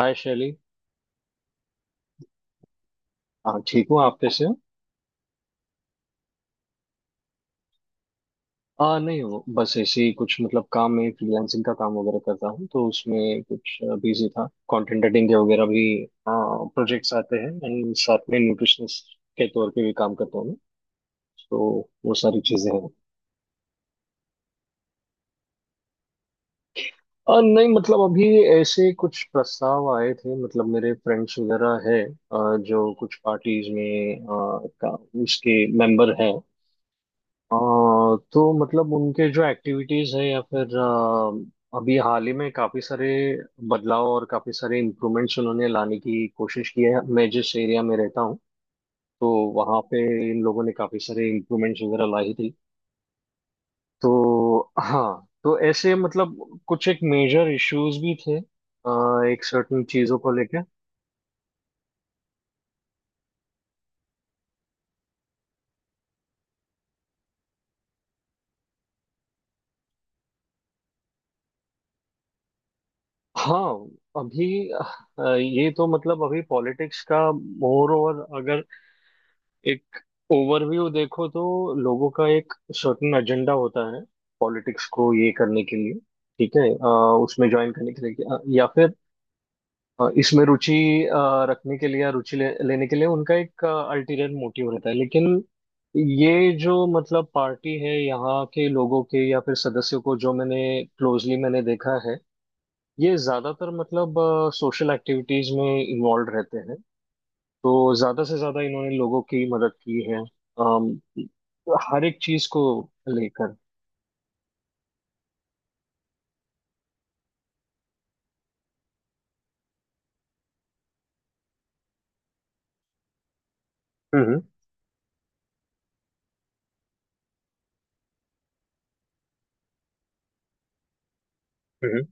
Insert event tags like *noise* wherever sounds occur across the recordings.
हाय शैली। हाँ, ठीक हूँ, आप कैसे हो? नहीं, वो बस ऐसे ही कुछ मतलब काम में फ्रीलांसिंग का काम वगैरह करता हूँ, तो उसमें कुछ बिजी था। कंटेंट एडिटिंग के वगैरह भी प्रोजेक्ट्स आते हैं, एंड साथ में न्यूट्रिशनिस्ट के तौर पे भी काम करता हूँ मैं। तो वो सारी चीजें हैं। नहीं, मतलब अभी ऐसे कुछ प्रस्ताव आए थे, मतलब मेरे फ्रेंड्स वगैरह है जो कुछ पार्टीज में का उसके मेंबर हैं। अ, तो मतलब उनके जो एक्टिविटीज है, या फिर अभी हाल ही में काफी सारे बदलाव और काफी सारे इम्प्रूवमेंट्स उन्होंने लाने की कोशिश की है। मैं जिस एरिया में रहता हूँ, तो वहाँ पे इन लोगों ने काफी सारे इम्प्रूवमेंट्स वगैरह लाई थी। तो हाँ, तो ऐसे मतलब कुछ एक मेजर इश्यूज भी थे, एक सर्टेन चीजों को लेके। हाँ, अभी ये तो मतलब अभी पॉलिटिक्स का मोर ओवर, अगर एक ओवरव्यू देखो, तो लोगों का एक सर्टेन एजेंडा होता है पॉलिटिक्स को ये करने के लिए। ठीक है, उसमें ज्वाइन करने के लिए या फिर इसमें रुचि अ, रखने के लिए, या लेने के लिए उनका एक अल्टीरियर मोटिव रहता है। लेकिन ये जो मतलब पार्टी है, यहाँ के लोगों के या फिर सदस्यों को जो मैंने क्लोजली मैंने देखा है, ये ज्यादातर मतलब सोशल एक्टिविटीज में इन्वॉल्व रहते हैं। तो ज्यादा से ज्यादा इन्होंने लोगों की मदद की है, अम, हर एक चीज को लेकर। हम्म। हम्म।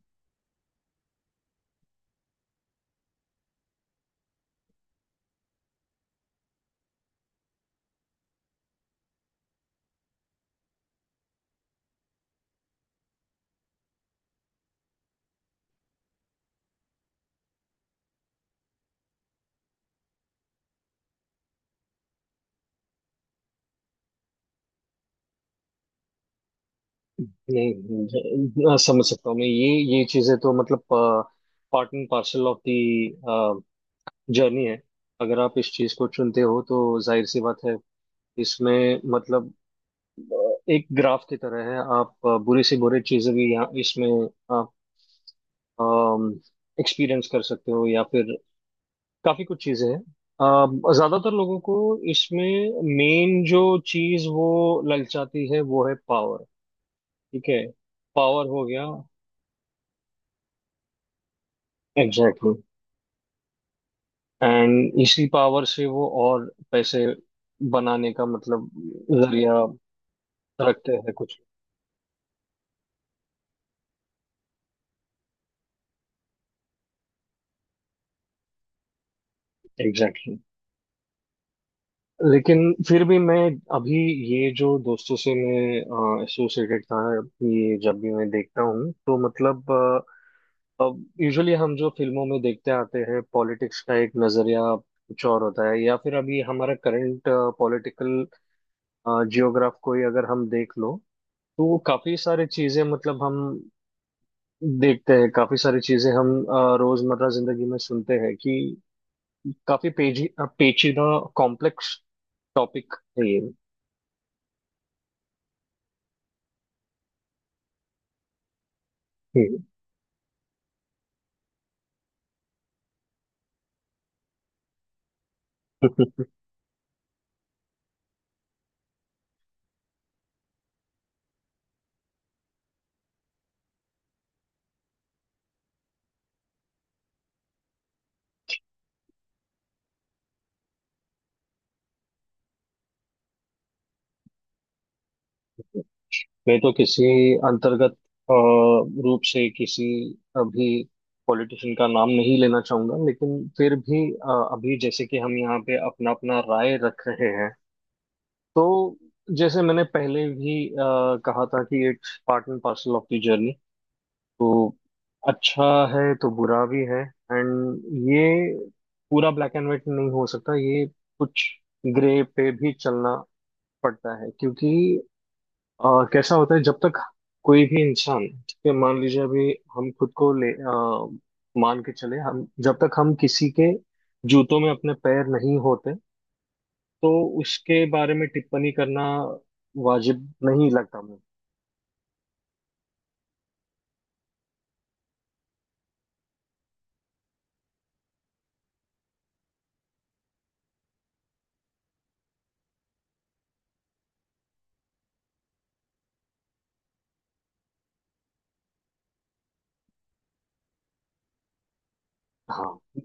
नहीं, नहीं, समझ सकता हूँ मैं ये। ये चीजें तो मतलब part and parcel of the journey है। अगर आप इस चीज को चुनते हो, तो जाहिर सी बात है इसमें मतलब अ, एक ग्राफ की तरह है। आप बुरी से बुरी चीजें भी यहाँ इसमें आप एक्सपीरियंस कर सकते हो, या फिर काफी कुछ चीजें हैं। ज्यादातर लोगों को इसमें मेन जो चीज वो ललचाती है, वो है पावर। ठीक है, पावर हो गया। Exactly exactly। एंड इसी पावर से वो और पैसे बनाने का मतलब जरिया रखते हैं कुछ। Exactly exactly। लेकिन फिर भी मैं अभी ये जो दोस्तों से मैं एसोसिएटेड था, ये जब भी मैं देखता हूँ, तो मतलब अब यूजुअली हम जो फिल्मों में देखते आते हैं, पॉलिटिक्स का एक नजरिया कुछ और होता है, या फिर अभी हमारा करंट पॉलिटिकल जियोग्राफ को ही अगर हम देख लो, तो काफी सारी चीजें मतलब हम देखते हैं। काफी सारी चीजें हम रोजमर्रा जिंदगी में सुनते हैं कि काफी पेची पेचीदा कॉम्प्लेक्स टॉपिक है ये। हम्म। *laughs* मैं तो किसी अंतर्गत रूप से किसी अभी पॉलिटिशियन का नाम नहीं लेना चाहूंगा, लेकिन फिर भी अभी जैसे कि हम यहाँ पे अपना अपना राय रख रहे हैं, तो जैसे मैंने पहले भी कहा था कि it's part and parcel of the journey. तो अच्छा है तो बुरा भी है। एंड ये पूरा ब्लैक एंड व्हाइट नहीं हो सकता, ये कुछ ग्रे पे भी चलना पड़ता है, क्योंकि कैसा होता है, जब तक कोई भी इंसान, ठीक है, मान लीजिए अभी हम खुद को मान के चले, हम जब तक हम किसी के जूतों में अपने पैर नहीं होते, तो उसके बारे में टिप्पणी करना वाजिब नहीं लगता मुझे। हाँ,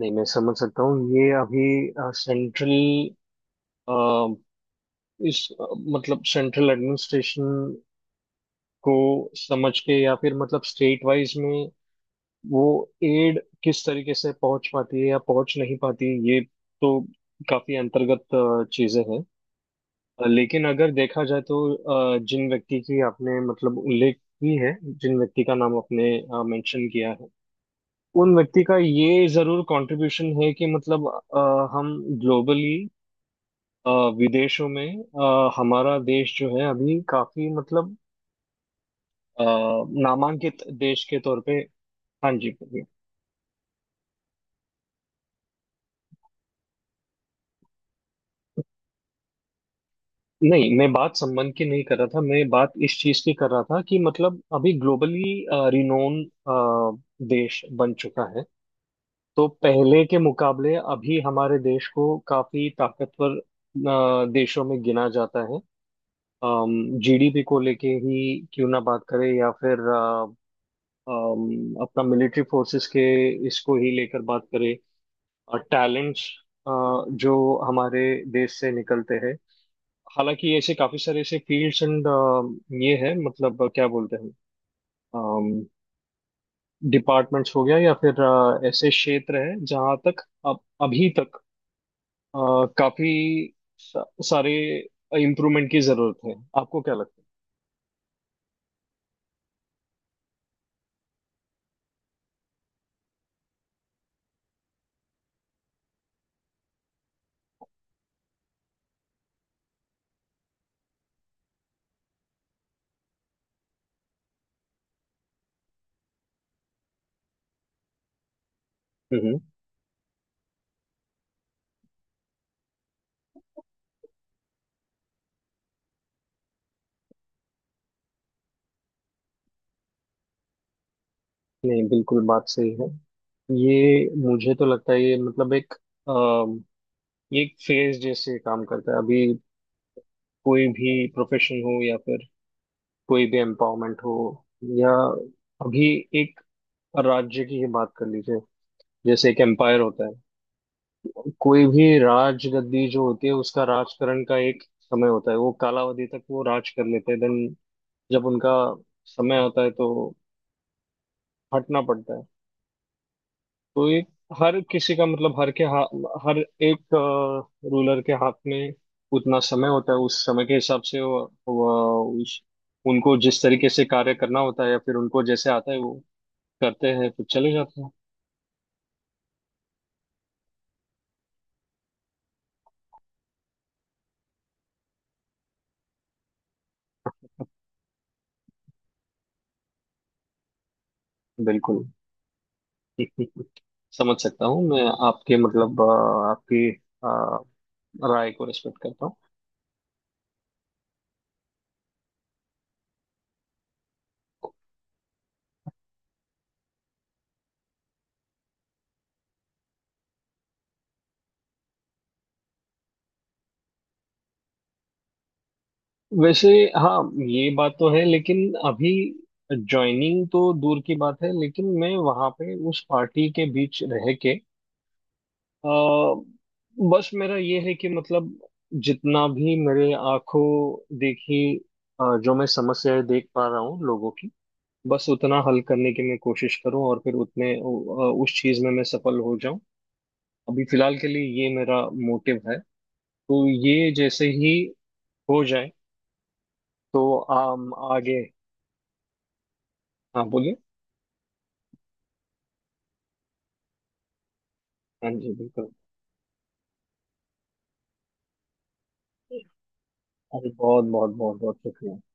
नहीं, मैं समझ सकता हूँ ये। अभी सेंट्रल इस अ, मतलब सेंट्रल एडमिनिस्ट्रेशन को समझ के, या फिर मतलब स्टेट वाइज में वो एड किस तरीके से पहुंच पाती है या पहुंच नहीं पाती है, ये तो काफी अंतर्गत चीजें हैं। लेकिन अगर देखा जाए, तो जिन व्यक्ति की आपने मतलब उल्लेख की है, जिन व्यक्ति का नाम आपने मेंशन किया है, उन व्यक्ति का ये जरूर कंट्रीब्यूशन है कि मतलब अ, हम ग्लोबली विदेशों में हमारा देश जो है अभी काफी मतलब अ, नामांकित देश के तौर पे। हाँ जी। नहीं, मैं बात संबंध की नहीं कर रहा था, मैं बात इस चीज की कर रहा था कि मतलब अभी ग्लोबली रिनोन देश बन चुका है। तो पहले के मुकाबले अभी हमारे देश को काफी ताकतवर देशों में गिना जाता है। जीडीपी को लेके ही क्यों ना बात करें, या फिर अपना मिलिट्री फोर्सेस के इसको ही लेकर बात करें, और टैलेंट्स जो हमारे देश से निकलते हैं। हालांकि ऐसे काफी सारे ऐसे फील्ड्स एंड ये है मतलब क्या बोलते हैं, डिपार्टमेंट्स हो गया, या फिर ऐसे क्षेत्र है जहां तक अब अभी तक अ, काफी सा, सारे इम्प्रूवमेंट की जरूरत है। आपको क्या लगता है? हम्म। नहीं, बिल्कुल बात सही है। ये मुझे तो लगता है ये मतलब एक ये एक फेज जैसे काम करता है। अभी कोई भी प्रोफेशन हो, या फिर कोई भी एम्पावरमेंट हो, या अभी एक और राज्य की ही बात कर लीजिए। जैसे एक एम्पायर होता है, कोई भी राजगद्दी जो होती है, उसका राजकरण का एक समय होता है, वो कालावधि तक वो राज कर लेते हैं, देन जब उनका समय होता है, तो हटना पड़ता है। तो ये हर किसी का मतलब हर के हाथ, हर एक रूलर के हाथ में उतना समय होता है, उस समय के हिसाब से वो उस उनको जिस तरीके से कार्य करना होता है, या फिर उनको जैसे आता है, वो करते हैं फिर चले जाते हैं। बिल्कुल समझ सकता हूँ मैं आपके मतलब आपकी अ, राय को रिस्पेक्ट करता हूँ। वैसे हाँ, ये बात तो है, लेकिन अभी ज्वाइनिंग तो दूर की बात है, लेकिन मैं वहाँ पे उस पार्टी के बीच रह के अ, बस मेरा ये है कि मतलब जितना भी मेरे आंखों देखी जो मैं समस्याएं देख पा रहा हूँ लोगों की, बस उतना हल करने की मैं कोशिश करूँ और फिर उस चीज़ में मैं सफल हो जाऊँ। अभी फिलहाल के लिए ये मेरा मोटिव है। तो ये जैसे ही हो जाए, तो आम आगे। हाँ, बोलिए। हाँ जी, बिल्कुल। अरे, बहुत बहुत बहुत बहुत शुक्रिया। *laughs*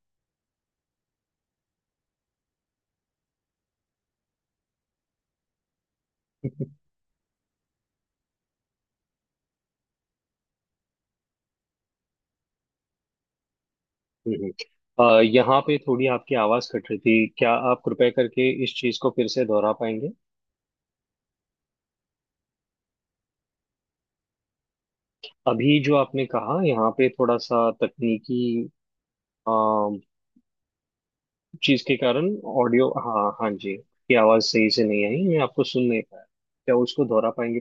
हम्म। हम्म। यहाँ पे थोड़ी आपकी आवाज कट रही थी, क्या आप कृपया करके इस चीज को फिर से दोहरा पाएंगे? अभी जो आपने कहा, यहाँ पे थोड़ा सा तकनीकी अ, चीज के कारण ऑडियो, हाँ हाँ जी की आवाज सही से नहीं आई, मैं आपको सुन नहीं पाया। क्या उसको दोहरा पाएंगे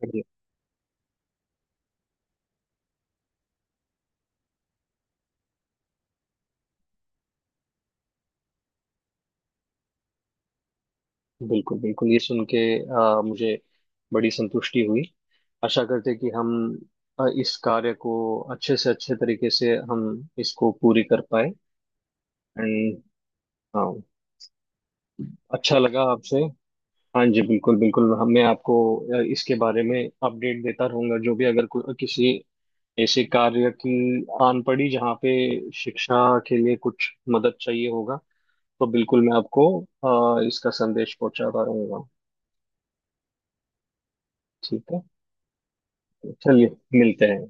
प्लीज? बिल्कुल बिल्कुल, ये सुन के मुझे बड़ी संतुष्टि हुई। आशा करते हैं कि हम इस कार्य को अच्छे से अच्छे तरीके से हम इसको पूरी कर पाए। एंड हाँ, अच्छा लगा आपसे। हाँ जी, बिल्कुल बिल्कुल, हम मैं आपको इसके बारे में अपडेट देता रहूंगा। जो भी अगर किसी ऐसे कार्य की आन पड़ी जहाँ पे शिक्षा के लिए कुछ मदद चाहिए होगा, तो बिल्कुल मैं आपको इसका संदेश पहुंचाता रहूंगा। ठीक है, चलिए मिलते हैं।